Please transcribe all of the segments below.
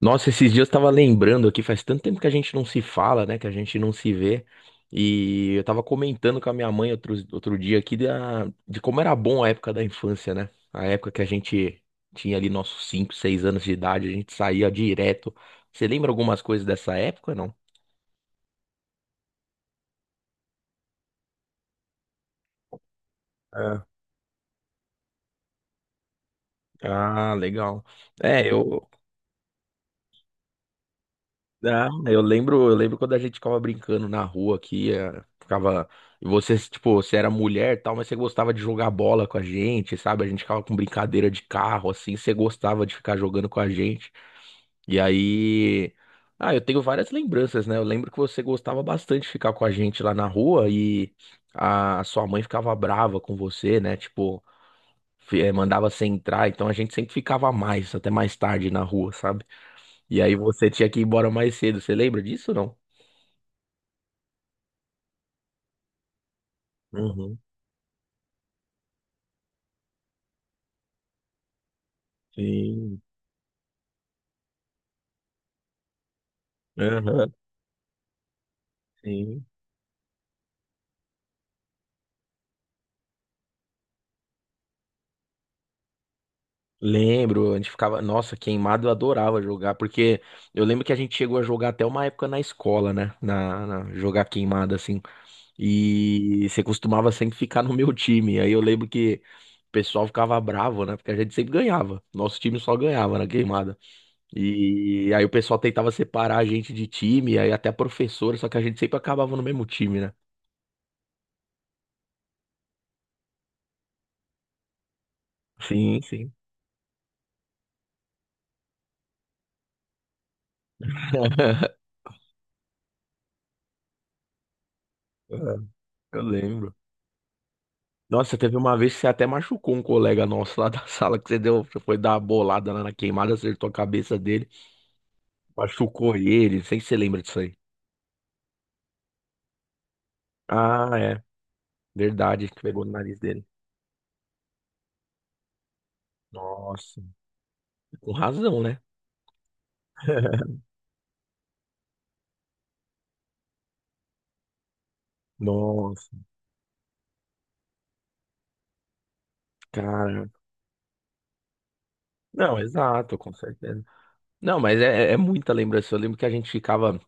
Nossa, esses dias eu tava lembrando aqui, faz tanto tempo que a gente não se fala, né? Que a gente não se vê. E eu tava comentando com a minha mãe outro dia aqui de como era bom a época da infância, né? A época que a gente tinha ali nossos 5, 6 anos de idade, a gente saía direto. Você lembra algumas coisas dessa época, não? É. Ah, legal. É. Ah, eu lembro quando a gente ficava brincando na rua aqui, ficava, e você, tipo, você era mulher e tal, mas você gostava de jogar bola com a gente, sabe? A gente ficava com brincadeira de carro, assim, você gostava de ficar jogando com a gente. E aí, ah, eu tenho várias lembranças, né? Eu lembro que você gostava bastante de ficar com a gente lá na rua e a sua mãe ficava brava com você, né? Tipo, mandava você entrar, então a gente sempre ficava mais, até mais tarde na rua, sabe? E aí você tinha que ir embora mais cedo, você lembra disso, ou não? Uhum, sim. Aham, sim. Lembro, a gente ficava, nossa, queimado eu adorava jogar, porque eu lembro que a gente chegou a jogar até uma época na escola, né? Jogar queimada assim. E você costumava sempre ficar no meu time. Aí eu lembro que o pessoal ficava bravo, né? Porque a gente sempre ganhava. Nosso time só ganhava na queimada. E aí o pessoal tentava separar a gente de time, aí até a professora, só que a gente sempre acabava no mesmo time, né? Sim, sim. Eu lembro. Nossa, teve uma vez que você até machucou um colega nosso lá da sala que você foi dar uma bolada lá na queimada, acertou a cabeça dele, machucou ele, não sei se você lembra disso aí. Ah, é, verdade, que pegou no nariz dele. Nossa, com razão, né? Nossa, cara. Não, exato, com certeza. Não, mas é muita lembrança. Eu lembro que a gente ficava,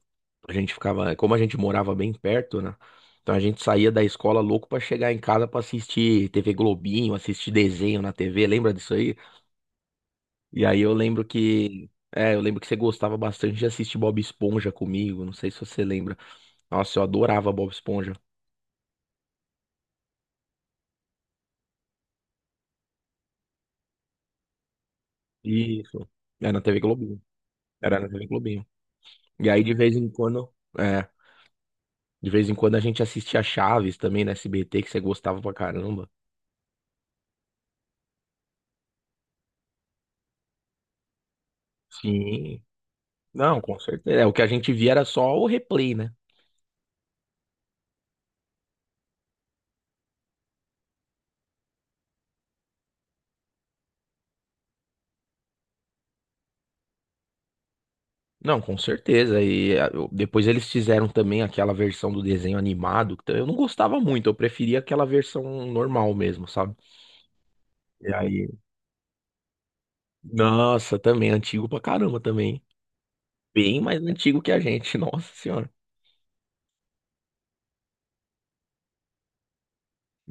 a gente ficava, como a gente morava bem perto, né? Então a gente saía da escola louco pra chegar em casa pra assistir TV Globinho, assistir desenho na TV. Lembra disso aí? E aí eu lembro que. É, eu lembro que você gostava bastante de assistir Bob Esponja comigo. Não sei se você lembra. Nossa, eu adorava Bob Esponja. Isso. Era na TV Globinho. Era na TV Globinho. E aí de vez em quando. É. De vez em quando a gente assistia Chaves também na SBT, que você gostava pra caramba. Sim. Não, com certeza. É, o que a gente via era só o replay, né? Não, com certeza. E depois eles fizeram também aquela versão do desenho animado, que eu não gostava muito, eu preferia aquela versão normal mesmo, sabe? E aí? Nossa, também, antigo pra caramba também. Bem mais antigo que a gente, nossa senhora.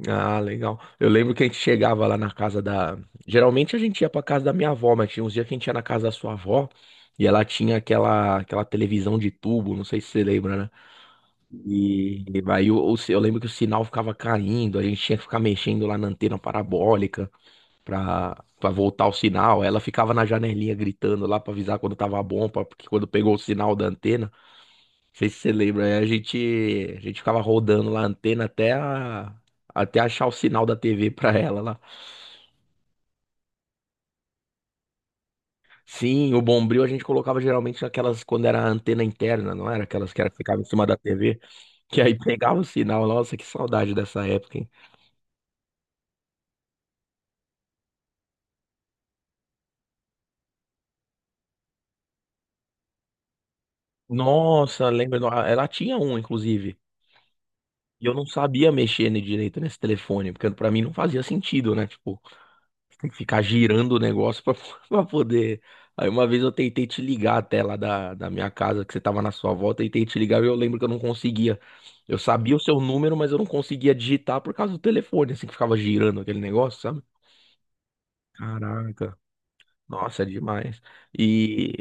Ah, legal. Eu lembro que a gente chegava lá na casa da. Geralmente a gente ia pra casa da minha avó, mas tinha uns dias que a gente ia na casa da sua avó e ela tinha aquela televisão de tubo, não sei se você lembra, né? E aí eu lembro que o sinal ficava caindo, a gente tinha que ficar mexendo lá na antena parabólica pra voltar o sinal. Ela ficava na janelinha gritando lá pra avisar quando tava bom, porque quando pegou o sinal da antena. Não sei se você lembra, aí a gente ficava rodando lá a antena até achar o sinal da TV pra ela lá. Sim, o Bombril a gente colocava geralmente aquelas quando era a antena interna, não era? Aquelas que era, ficava em cima da TV, que aí pegava o sinal. Nossa, que saudade dessa época, hein? Nossa, lembra? Ela tinha um, inclusive. E eu não sabia mexer direito nesse telefone, porque pra mim não fazia sentido, né? Tipo, tem que ficar girando o negócio pra, pra poder. Aí uma vez eu tentei te ligar até lá da minha casa, que você tava na sua volta, tentei te ligar e eu lembro que eu não conseguia. Eu sabia o seu número, mas eu não conseguia digitar por causa do telefone, assim que ficava girando aquele negócio, sabe? Caraca. Nossa, é demais. E.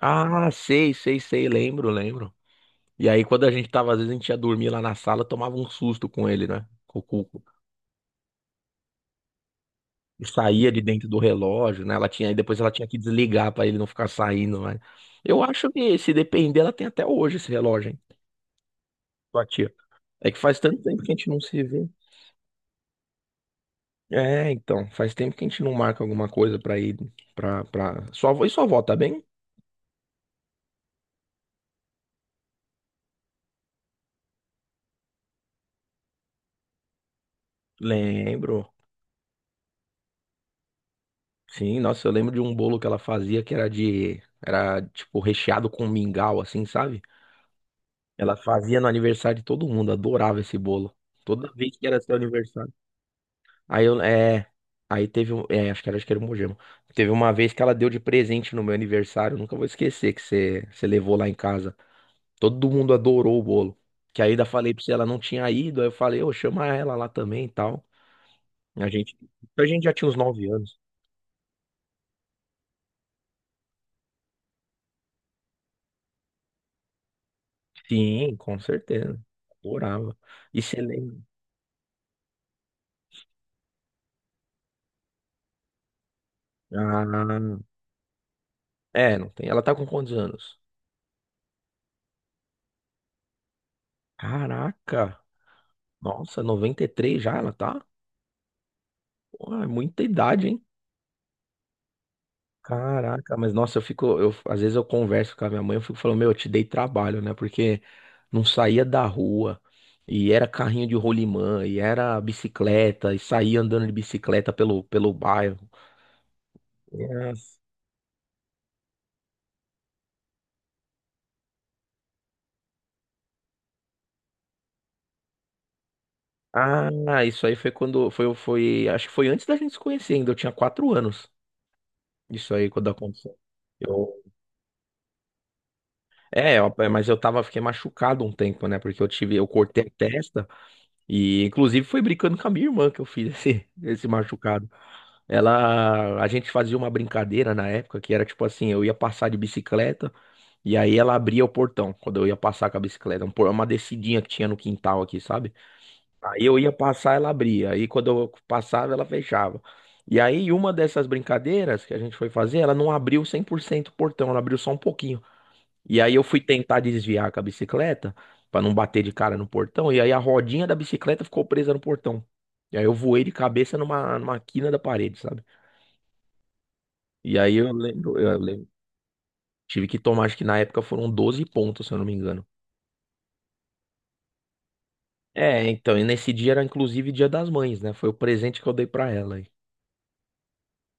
Ah, sei, sei, sei, lembro, lembro. E aí quando a gente tava, às vezes a gente ia dormir lá na sala, tomava um susto com ele, né? Com o cu. E saía de dentro do relógio, né? Ela tinha, e depois ela tinha que desligar para ele não ficar saindo, né? Eu acho que se depender, ela tem até hoje esse relógio, hein? Sua tia. É que faz tanto tempo que a gente não se vê. É, então, faz tempo que a gente não marca alguma coisa pra ir pra. E sua avó, tá bem? Lembro. Sim, nossa, eu lembro de um bolo que ela fazia que era, tipo, recheado com mingau, assim, sabe? Ela fazia no aniversário de todo mundo, adorava esse bolo. Toda vez que era seu aniversário. Aí eu, é, aí teve um, acho que era o Mogi. Teve uma vez que ela deu de presente no meu aniversário, eu nunca vou esquecer que você levou lá em casa. Todo mundo adorou o bolo. Que aí ainda falei pra você, ela não tinha ido, aí eu falei, ô, chama ela lá também e tal. A gente, a gente já tinha uns 9 anos. Sim, com certeza. Adorava. E você lembra? Ah, é, não tem. Ela tá com quantos anos? Caraca! Nossa, 93 já ela tá? Pô, é muita idade, hein? Caraca, mas nossa, às vezes eu converso com a minha mãe, eu fico falando, meu, eu te dei trabalho, né? Porque não saía da rua, e era carrinho de rolimã, e era bicicleta, e saía andando de bicicleta pelo bairro. Yes. Ah, isso aí foi quando, foi, foi, acho que foi antes da gente se conhecer ainda, eu tinha 4 anos, isso aí quando aconteceu. Eu, mas fiquei machucado um tempo, né? Porque eu cortei a testa, e inclusive foi brincando com a minha irmã que eu fiz esse machucado. A gente fazia uma brincadeira na época que era tipo assim, eu ia passar de bicicleta e aí ela abria o portão quando eu ia passar com a bicicleta, uma descidinha que tinha no quintal aqui, sabe? Aí eu ia passar, ela abria, aí quando eu passava, ela fechava. E aí uma dessas brincadeiras que a gente foi fazer, ela não abriu 100% o portão, ela abriu só um pouquinho. E aí eu fui tentar desviar com a bicicleta pra não bater de cara no portão e aí a rodinha da bicicleta ficou presa no portão. E aí eu voei de cabeça numa quina da parede, sabe? E aí tive que tomar, acho que na época foram 12 pontos, se eu não me engano. É, então, e nesse dia era inclusive Dia das Mães, né? Foi o presente que eu dei pra ela aí.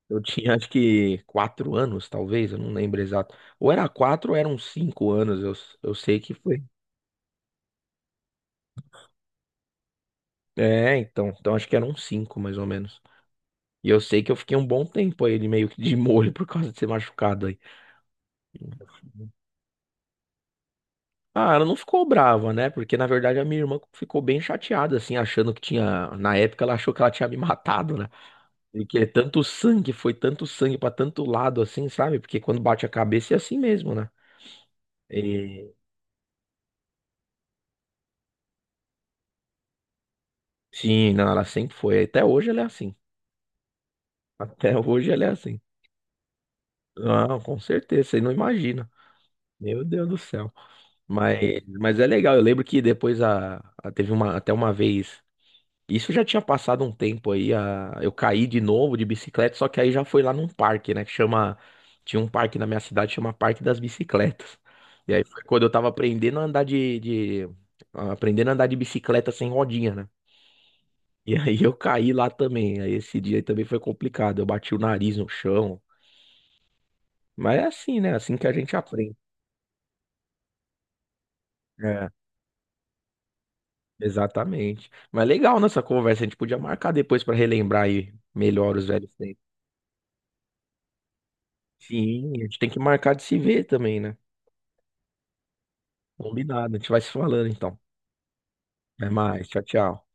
Eu tinha acho que 4 anos, talvez, eu não lembro exato. Ou era 4 ou 5 anos, eu sei que foi. É, então, acho que eram cinco, mais ou menos. E eu sei que eu fiquei um bom tempo aí, ele meio que de molho por causa de ser machucado aí. Ah, ela não ficou brava, né? Porque na verdade a minha irmã ficou bem chateada, assim, achando que tinha. Na época ela achou que ela tinha me matado, né? E que é tanto sangue, foi tanto sangue pra tanto lado assim, sabe? Porque quando bate a cabeça é assim mesmo, né? E sim, não, ela sempre foi. Até hoje ela é assim. Até hoje ela é assim. Não, com certeza, você não imagina. Meu Deus do céu. Mas é legal, eu lembro que depois até uma vez. Isso já tinha passado um tempo aí, eu caí de novo de bicicleta, só que aí já foi lá num parque, né, tinha um parque na minha cidade, chama Parque das Bicicletas. E aí foi quando eu tava aprendendo a andar de bicicleta sem rodinha, né? E aí eu caí lá também, aí esse dia aí também foi complicado, eu bati o nariz no chão, mas é assim, né, assim que a gente aprende. É, exatamente. Mas legal nessa conversa, a gente podia marcar depois pra relembrar aí melhor os velhos tempos. Sim, a gente tem que marcar de se ver também, né? Combinado, a gente vai se falando então. Até mais, tchau, tchau.